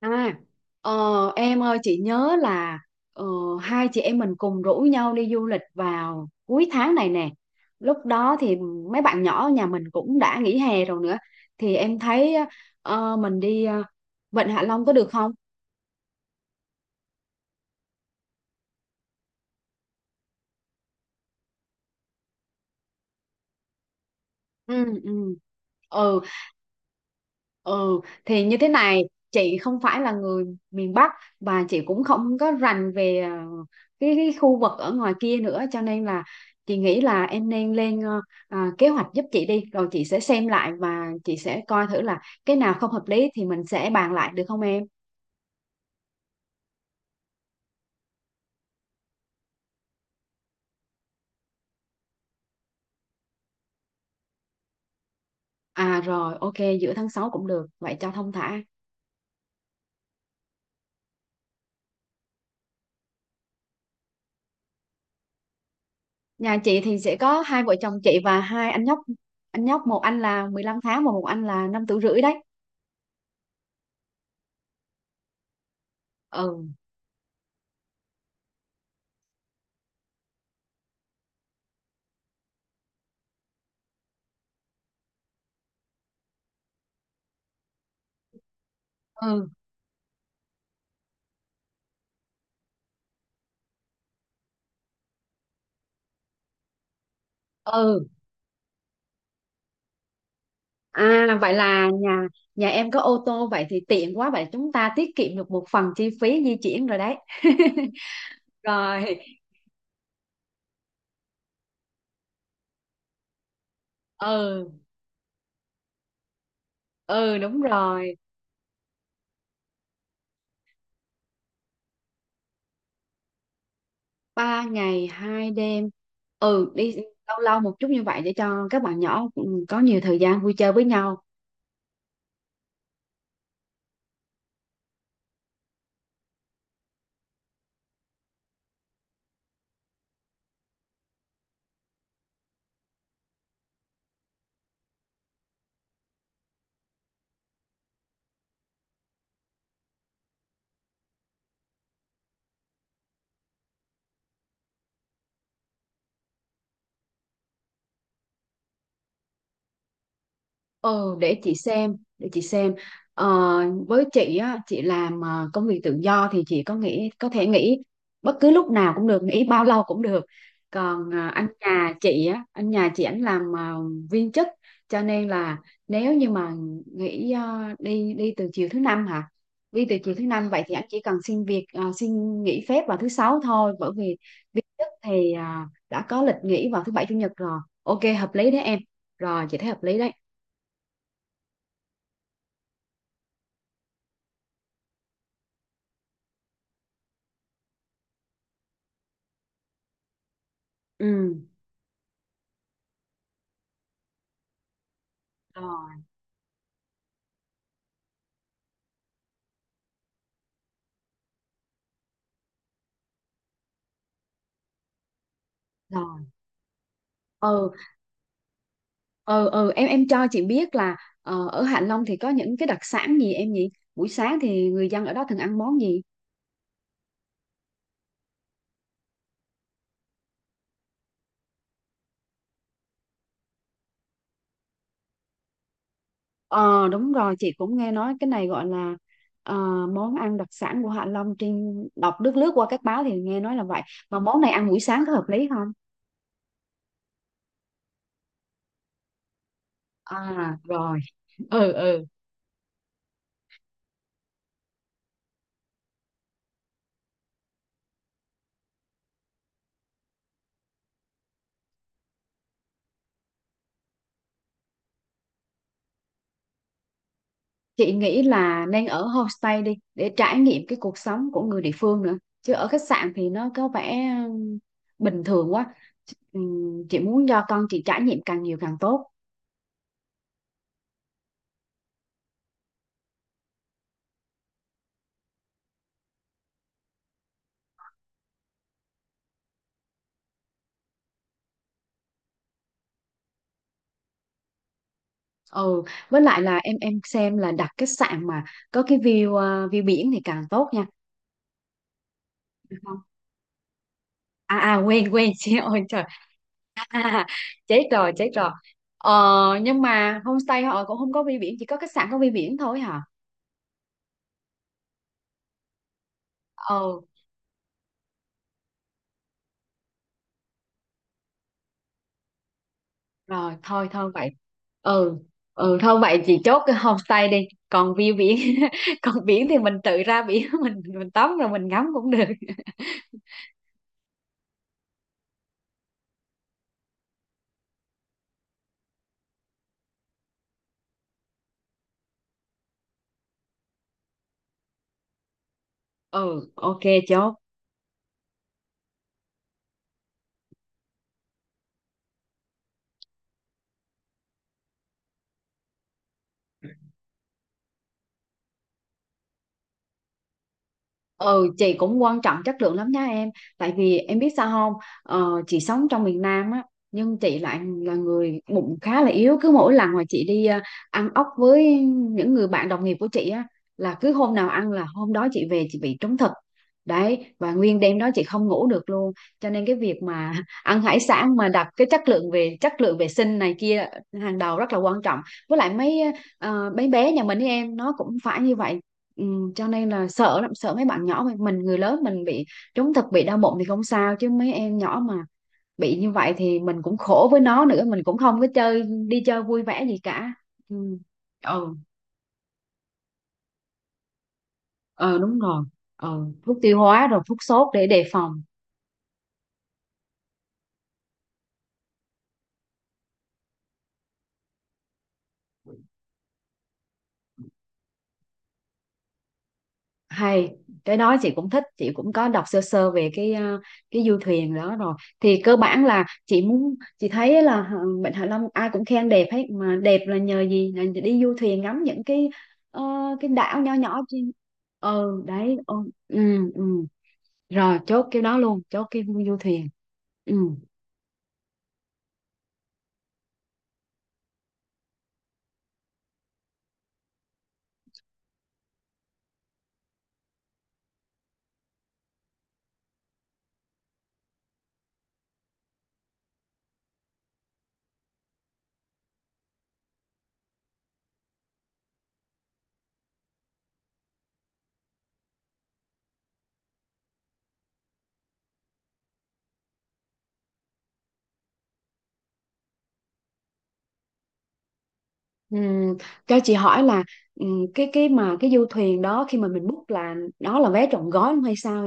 À, em ơi, chị nhớ là ờ, hai chị em mình cùng rủ nhau đi du lịch vào cuối tháng này nè. Lúc đó thì mấy bạn nhỏ ở nhà mình cũng đã nghỉ hè rồi nữa. Thì em thấy mình đi Vịnh Hạ Long có được không? Ừ, ừ, ừ, ừ, thì như thế này, chị không phải là người miền Bắc và chị cũng không có rành về cái khu vực ở ngoài kia nữa, cho nên là chị nghĩ là em nên lên kế hoạch giúp chị đi, rồi chị sẽ xem lại và chị sẽ coi thử là cái nào không hợp lý thì mình sẽ bàn lại, được không em? À rồi, ok, giữa tháng 6 cũng được, vậy cho thông thả. Nhà chị thì sẽ có hai vợ chồng chị và hai anh nhóc. Anh nhóc một anh là 15 tháng và một anh là 5 tuổi rưỡi đấy. Ừ, ừ, ừ, vậy là nhà nhà em có ô tô, vậy thì tiện quá, vậy chúng ta tiết kiệm được một phần chi phí di chuyển rồi đấy. Rồi. Ừ, ừ, đúng rồi. 3 ngày 2 đêm. Đi lâu lâu một chút như vậy để cho các bạn nhỏ có nhiều thời gian vui chơi với nhau. Ừ, để chị xem, để chị xem. ờ, với chị á, chị làm công việc tự do thì chị có nghĩ có thể nghỉ bất cứ lúc nào cũng được, nghỉ bao lâu cũng được. Còn anh nhà chị á, anh nhà chị ảnh làm viên chức, cho nên là nếu như mà nghỉ đi đi từ chiều thứ năm hả, đi từ chiều thứ năm vậy thì anh chỉ cần xin việc xin nghỉ phép vào thứ sáu thôi, bởi vì viên chức thì đã có lịch nghỉ vào thứ bảy chủ nhật rồi. Ok, hợp lý đấy em. Rồi, chị thấy hợp lý đấy. Ừ, rồi, rồi. Ừ, ừ, ừ, em cho chị biết là ở Hạ Long thì có những cái đặc sản gì em nhỉ? Buổi sáng thì người dân ở đó thường ăn món gì? Ờ, đúng rồi, chị cũng nghe nói cái này gọi là ờ, món ăn đặc sản của Hạ Long, trên đọc lướt lướt qua các báo thì nghe nói là vậy. Mà món này ăn buổi sáng có hợp lý không? À, rồi. Ừ, ừ. Chị nghĩ là nên ở homestay đi, để trải nghiệm cái cuộc sống của người địa phương nữa, chứ ở khách sạn thì nó có vẻ bình thường quá. Chị muốn cho con chị trải nghiệm càng nhiều càng tốt. Ừ, với lại là em xem là đặt khách sạn mà có cái view biển thì càng tốt nha, được không? Quên, quên. Chị ơi trời, à, chết rồi, chết rồi. ờ nhưng mà homestay họ cũng không có view biển, chỉ có khách sạn có view biển thôi hả? ờ Rồi, thôi thôi vậy. Ừ, ừ, thôi vậy chị chốt cái homestay đi, còn view biển còn biển thì mình tự ra biển, mình tắm rồi mình ngắm cũng được. Ừ, ok, chốt. Ừ, chị cũng quan trọng chất lượng lắm nha em, tại vì em biết sao không, chị sống trong miền Nam á, nhưng chị lại là người bụng khá là yếu. Cứ mỗi lần mà chị đi ăn ốc với những người bạn đồng nghiệp của chị á, là cứ hôm nào ăn là hôm đó chị về chị bị trúng thực đấy, và nguyên đêm đó chị không ngủ được luôn. Cho nên cái việc mà ăn hải sản mà đặt cái chất lượng, về chất lượng vệ sinh này kia hàng đầu rất là quan trọng. Với lại mấy mấy bé nhà mình ấy em, nó cũng phải như vậy. Ừ, cho nên là sợ lắm, sợ mấy bạn nhỏ mình, người lớn mình bị trúng thực bị đau bụng thì không sao, chứ mấy em nhỏ mà bị như vậy thì mình cũng khổ với nó nữa, mình cũng không có chơi, đi chơi vui vẻ gì cả. Ừ. ờ ờ, đúng rồi. ờ Thuốc tiêu hóa rồi thuốc sốt để đề phòng. Hay, cái đó chị cũng thích, chị cũng có đọc sơ sơ về cái cái du thuyền đó rồi. Thì cơ bản là chị muốn, chị thấy là Vịnh Hạ Long ai cũng khen đẹp hết, mà đẹp là nhờ gì, là đi du thuyền ngắm những cái ờ, cái đảo nhỏ nhỏ trên. Ừ, đấy. Ừ, ừ, ừ. Rồi, chốt cái đó luôn, chốt cái du thuyền. Ừ. Ừ, cho chị hỏi là, ừ, cái du thuyền đó khi mà mình book là đó là vé trọn gói không hay sao?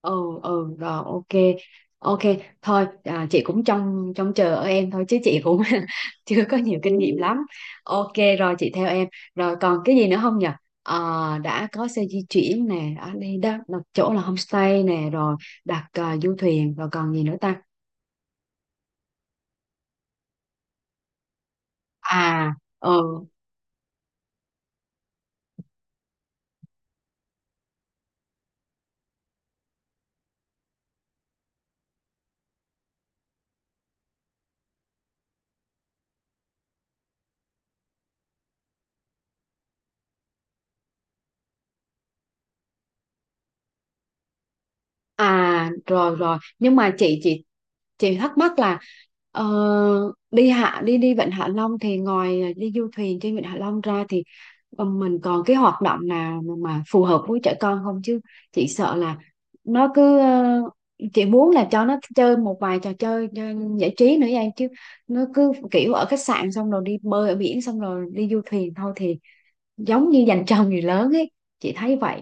Ừ, ừ, rồi, ok. Ok, thôi chị cũng trông trông chờ ở em thôi, chứ chị cũng chưa có nhiều kinh nghiệm lắm. Ok, rồi, chị theo em. Rồi còn cái gì nữa không nhỉ? Ờ, đã có xe di chuyển nè, đã đi đó đặt chỗ là homestay nè rồi, đặt du thuyền rồi, còn gì nữa ta? À, ừ, à, rồi, rồi, nhưng mà chị thắc mắc là ờ, đi Vịnh Hạ Long thì ngoài đi du thuyền trên Vịnh Hạ Long ra thì mình còn cái hoạt động nào mà phù hợp với trẻ con không chứ? Chị sợ là nó cứ chị muốn là cho nó chơi một vài trò chơi cho giải trí nữa em, chứ nó cứ kiểu ở khách sạn xong rồi đi bơi ở biển xong rồi đi du thuyền thôi thì giống như dành cho người lớn ấy, chị thấy vậy.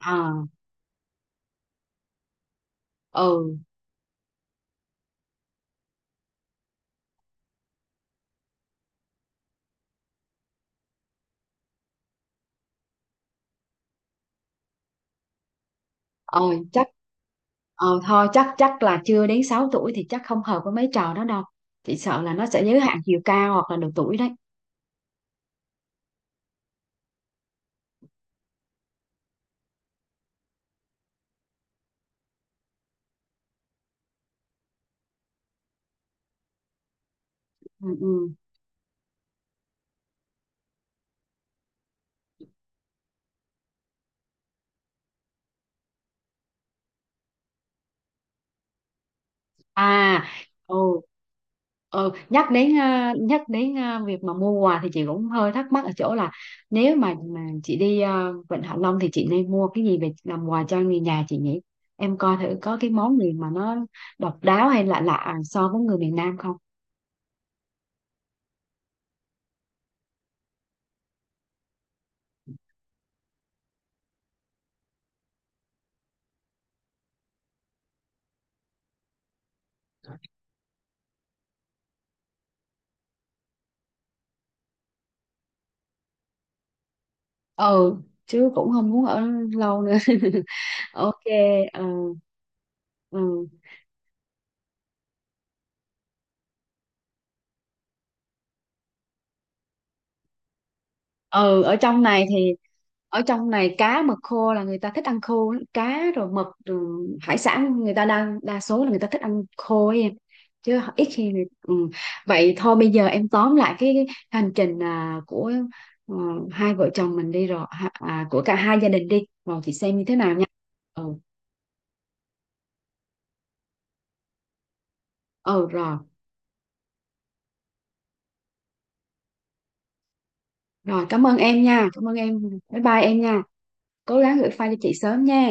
À, ừ ờ chắc thôi, chắc chắc là chưa đến 6 tuổi thì chắc không hợp với mấy trò đó đâu, chị sợ là nó sẽ giới hạn chiều cao hoặc là độ tuổi đấy. Ừ, ừ. À, ừ, ừ. Nhắc đến việc mà mua quà thì chị cũng hơi thắc mắc ở chỗ là, nếu mà chị đi Vịnh Hạ Long thì chị nên mua cái gì về làm quà cho người nhà chị nhỉ? Em coi thử có cái món gì mà nó độc đáo hay lạ lạ so với người miền Nam không. Ừ, chứ cũng không muốn ở lâu nữa. Ok. Ừ, ừ. ừ ở trong này thì Ở trong này cá mực khô là người ta thích ăn khô lắm. Cá rồi mực rồi hải sản, người ta đang đa số là người ta thích ăn khô ấy em, chứ ít khi người... ừ. Vậy thôi, bây giờ em tóm lại cái hành trình của ờ, hai vợ chồng mình đi rồi ha- à, của cả hai gia đình đi, rồi chị xem như thế nào nha. Ừ, ừ, rồi, rồi. Cảm ơn em nha, cảm ơn em. Bye bye em nha. Cố gắng gửi file cho chị sớm nha.